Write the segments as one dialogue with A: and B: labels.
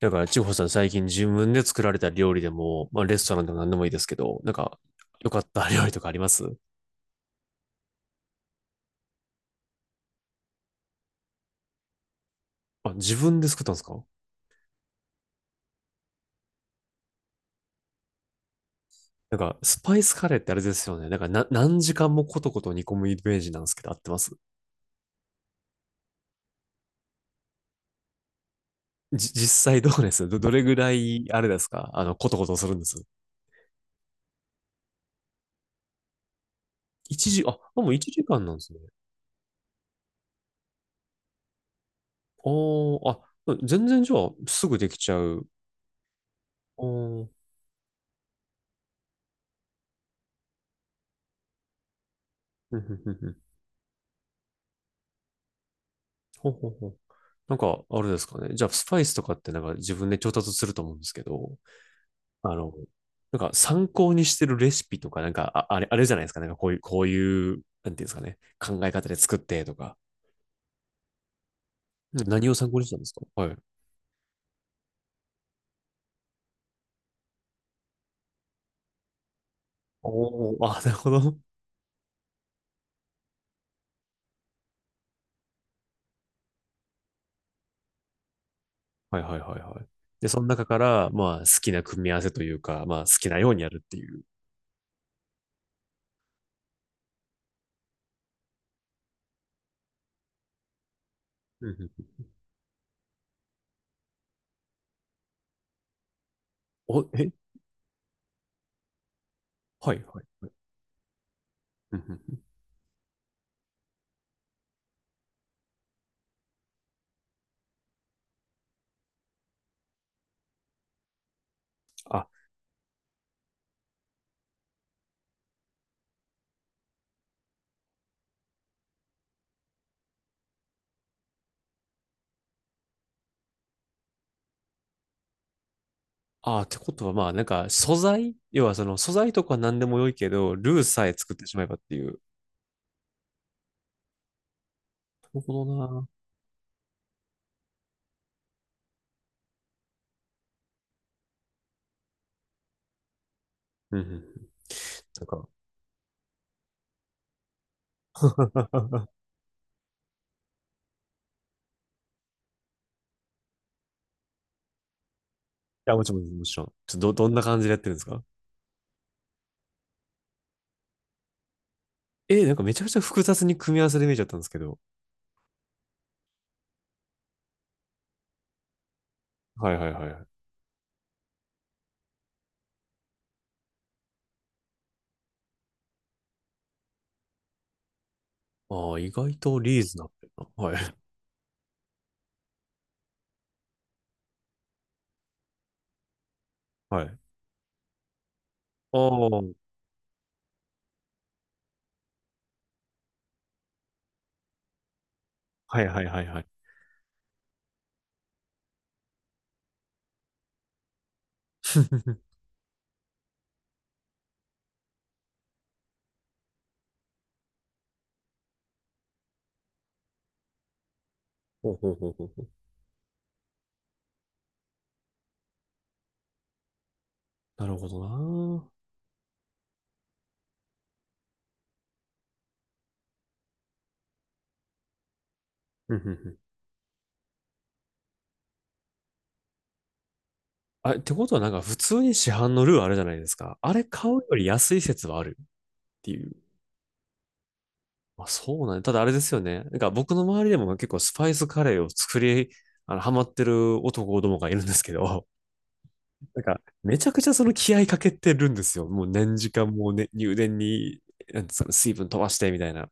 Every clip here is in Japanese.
A: だから、千穂さん最近自分で作られた料理でも、まあ、レストランでも何でもいいですけど、なんか、良かった料理とかあります？あ、自分で作ったんですか？なんか、スパイスカレーってあれですよね。なんかな、何時間もコトコト煮込むイメージなんですけど、合ってます？実際どうですどれぐらい、あれですかコトコトするんです？一時、あ、もう1時間なんですね。おー、あ、全然じゃあ、すぐできちゃう。おー。ふんふんふんふん。ほうほうほう。なんか、あれですかね。じゃあ、スパイスとかってなんか自分で調達すると思うんですけど、あの、なんか参考にしてるレシピとか、なんか、ああれ、あれじゃないですか。なんかこういう、なんていうんですかね。考え方で作ってとか。何を参考にしたんですか？はい。おお、あ、なるほど。はいはいはいはい。で、その中から、まあ、好きな組み合わせというか、まあ、好きなようにやるっていう。うんうんうん。お、え。はいはいはい。うんうんうん。あ、あー、ってことは、まあ、なんか、素材、要は、その、素材とか何でも良いけど、ルーさえ作ってしまえばっていう。なるほどな。うんうんうん。なんか。 や、もちろん、もちろん。ちょっとどんな感じでやってるんですか？なんかめちゃくちゃ複雑に組み合わせで見えちゃったんですけど。はいはいはい。ああ、意外とリーズナブルな。はい。はい。ああ、はいはいはいはい。ほうほうほうほうほう。なるほどなー。うんうんうん。あ、ってことはなんか普通に市販のルーあるじゃないですか。あれ買うより安い説はあるっていう。まあそうなんだ。ただあれですよね。なんか僕の周りでも結構スパイスカレーを作り、ハマってる男どもがいるんですけど。なんか、めちゃくちゃその気合いかけてるんですよ。もう何時間もね、入電に、なんですかね、水分飛ばしてみたいな。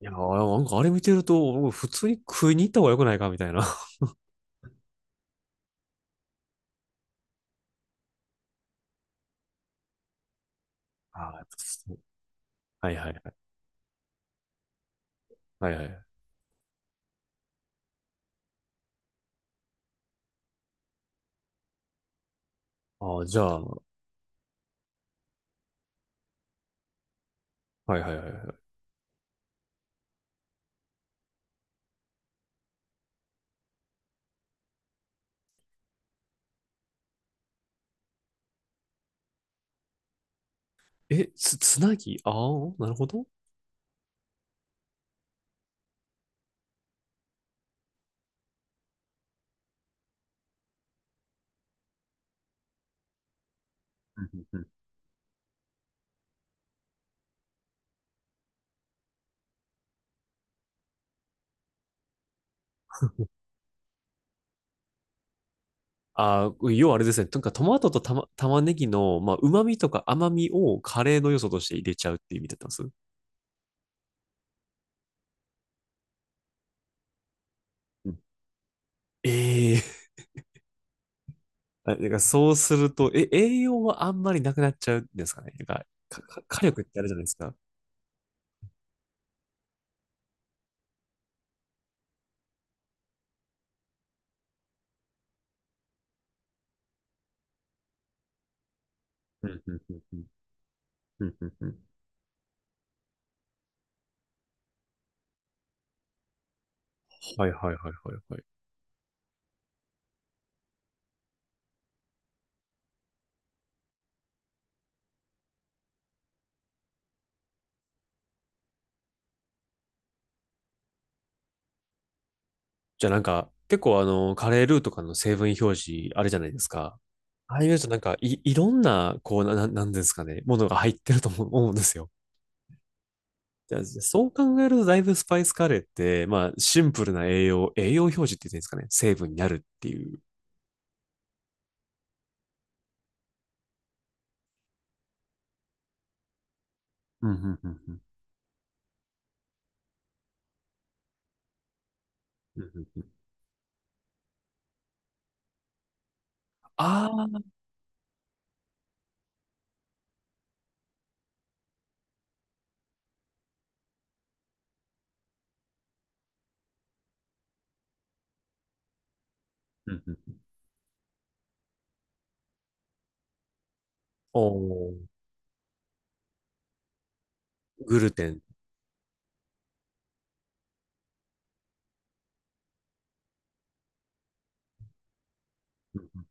A: いやー、なんかあれ見てると、もう普通に食いに行った方が良くないかみたいな。あーそう。はいはいはい。はいはい。ああ、じゃあ、はいはいはいはい。え、つなぎ、ああー、なるほど。うんうんうん。ああ、要はあれですね。なんかトマトと玉ねぎの、まあ、旨味とか甘みをカレーの要素として入れちゃうっていう意味だったんです。うん、えあ、てからそうすると、栄養はあんまりなくなっちゃうんですかね。てか、火力ってあるじゃないですか。うんうんうんうんうんうんうん、はいはいはいはいはい。じゃあなんか、結構カレールーとかの成分表示あるじゃないですか。ああいうとなんか、いろんな、こう、なんですかね、ものが入ってると思うんですよ。じゃあそう考えると、だいぶスパイスカレーって、まあ、シンプルな栄養表示って言っていいんですかね、成分になるっていう。うんうんうんうんうんうんうん、ああー、うんうん、おー、グルテン。うん。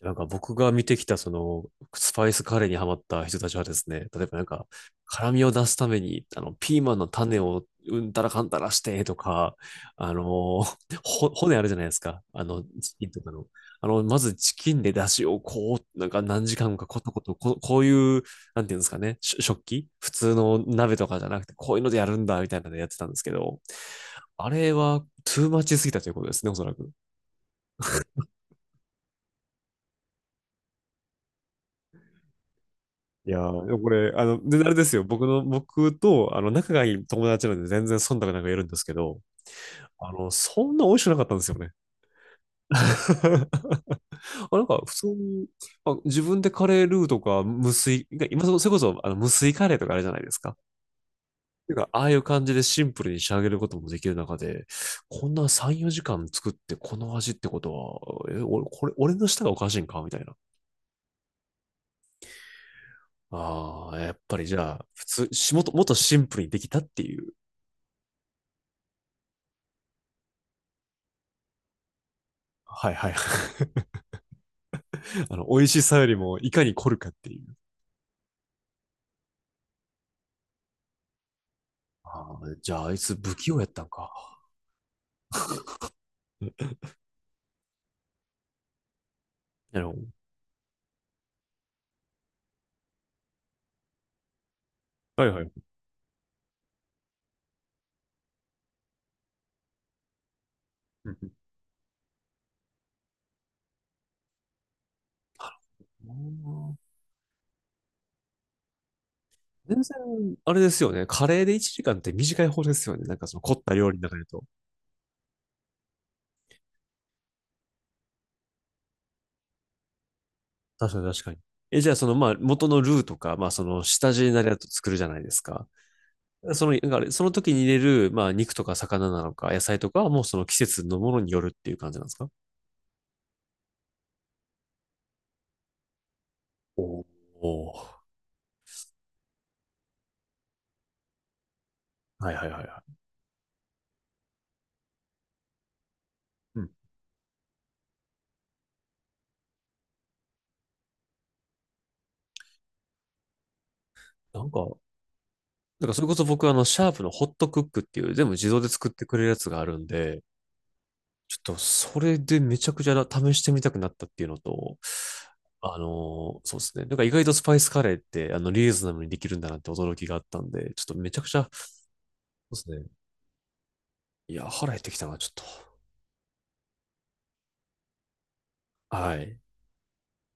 A: なんか僕が見てきたそのスパイスカレーにハマった人たちはですね、例えばなんか辛みを出すためにあのピーマンの種をうんたらかんたらしてとか、あの骨あるじゃないですか、あのチキンとかの。あの、まずチキンで出汁をこう、なんか何時間かコトコト、こういう、なんていうんですかね、食器普通の鍋とかじゃなくて、こういうのでやるんだみたいなのでやってたんですけど、あれはトゥーマッチすぎたということですね、おそらく。いやー、でもこれ、で、あれですよ。僕と、仲がいい友達なんで全然忖度なく言えるんですけど、そんな美味しくなかったんですよね。あ、なんか、普通に、あ、自分でカレールーとか、無水、それこそ、無水カレーとかあれじゃないですか。てか、ああいう感じでシンプルに仕上げることもできる中で、こんな3、4時間作ってこの味ってことは、俺、これ、俺の舌がおかしいんかみたいな。ああ、やっぱりじゃあ、普通、もっと、もっとシンプルにできたっていう。はいはいはい。美味しさよりも、いかに凝るかっていう。ああ、じゃあ、あいつ不器用やったんか。なるほど。はいはい。うんうん。全然、あれですよね。カレーで1時間って短い方ですよね。なんかその凝った料理の中でと。確かに確かに。え、じゃあそのまあ元のルーとか、まあその下地になるやつ作るじゃないですか。その、なんかあれその時に入れる、まあ肉とか魚なのか野菜とかはもうその季節のものによるっていう感じなんですか？おお。はいはいはいはい。うん。なんか、なんかそれこそ僕はシャープのホットクックっていう全部自動で作ってくれるやつがあるんで、ちょっとそれでめちゃくちゃ試してみたくなったっていうのと、そうですね。なんか意外とスパイスカレーってリーズナブルにできるんだなって驚きがあったんで、ちょっとめちゃくちゃ、そうですね。いや、腹減ってきたな、ちょっと。はい。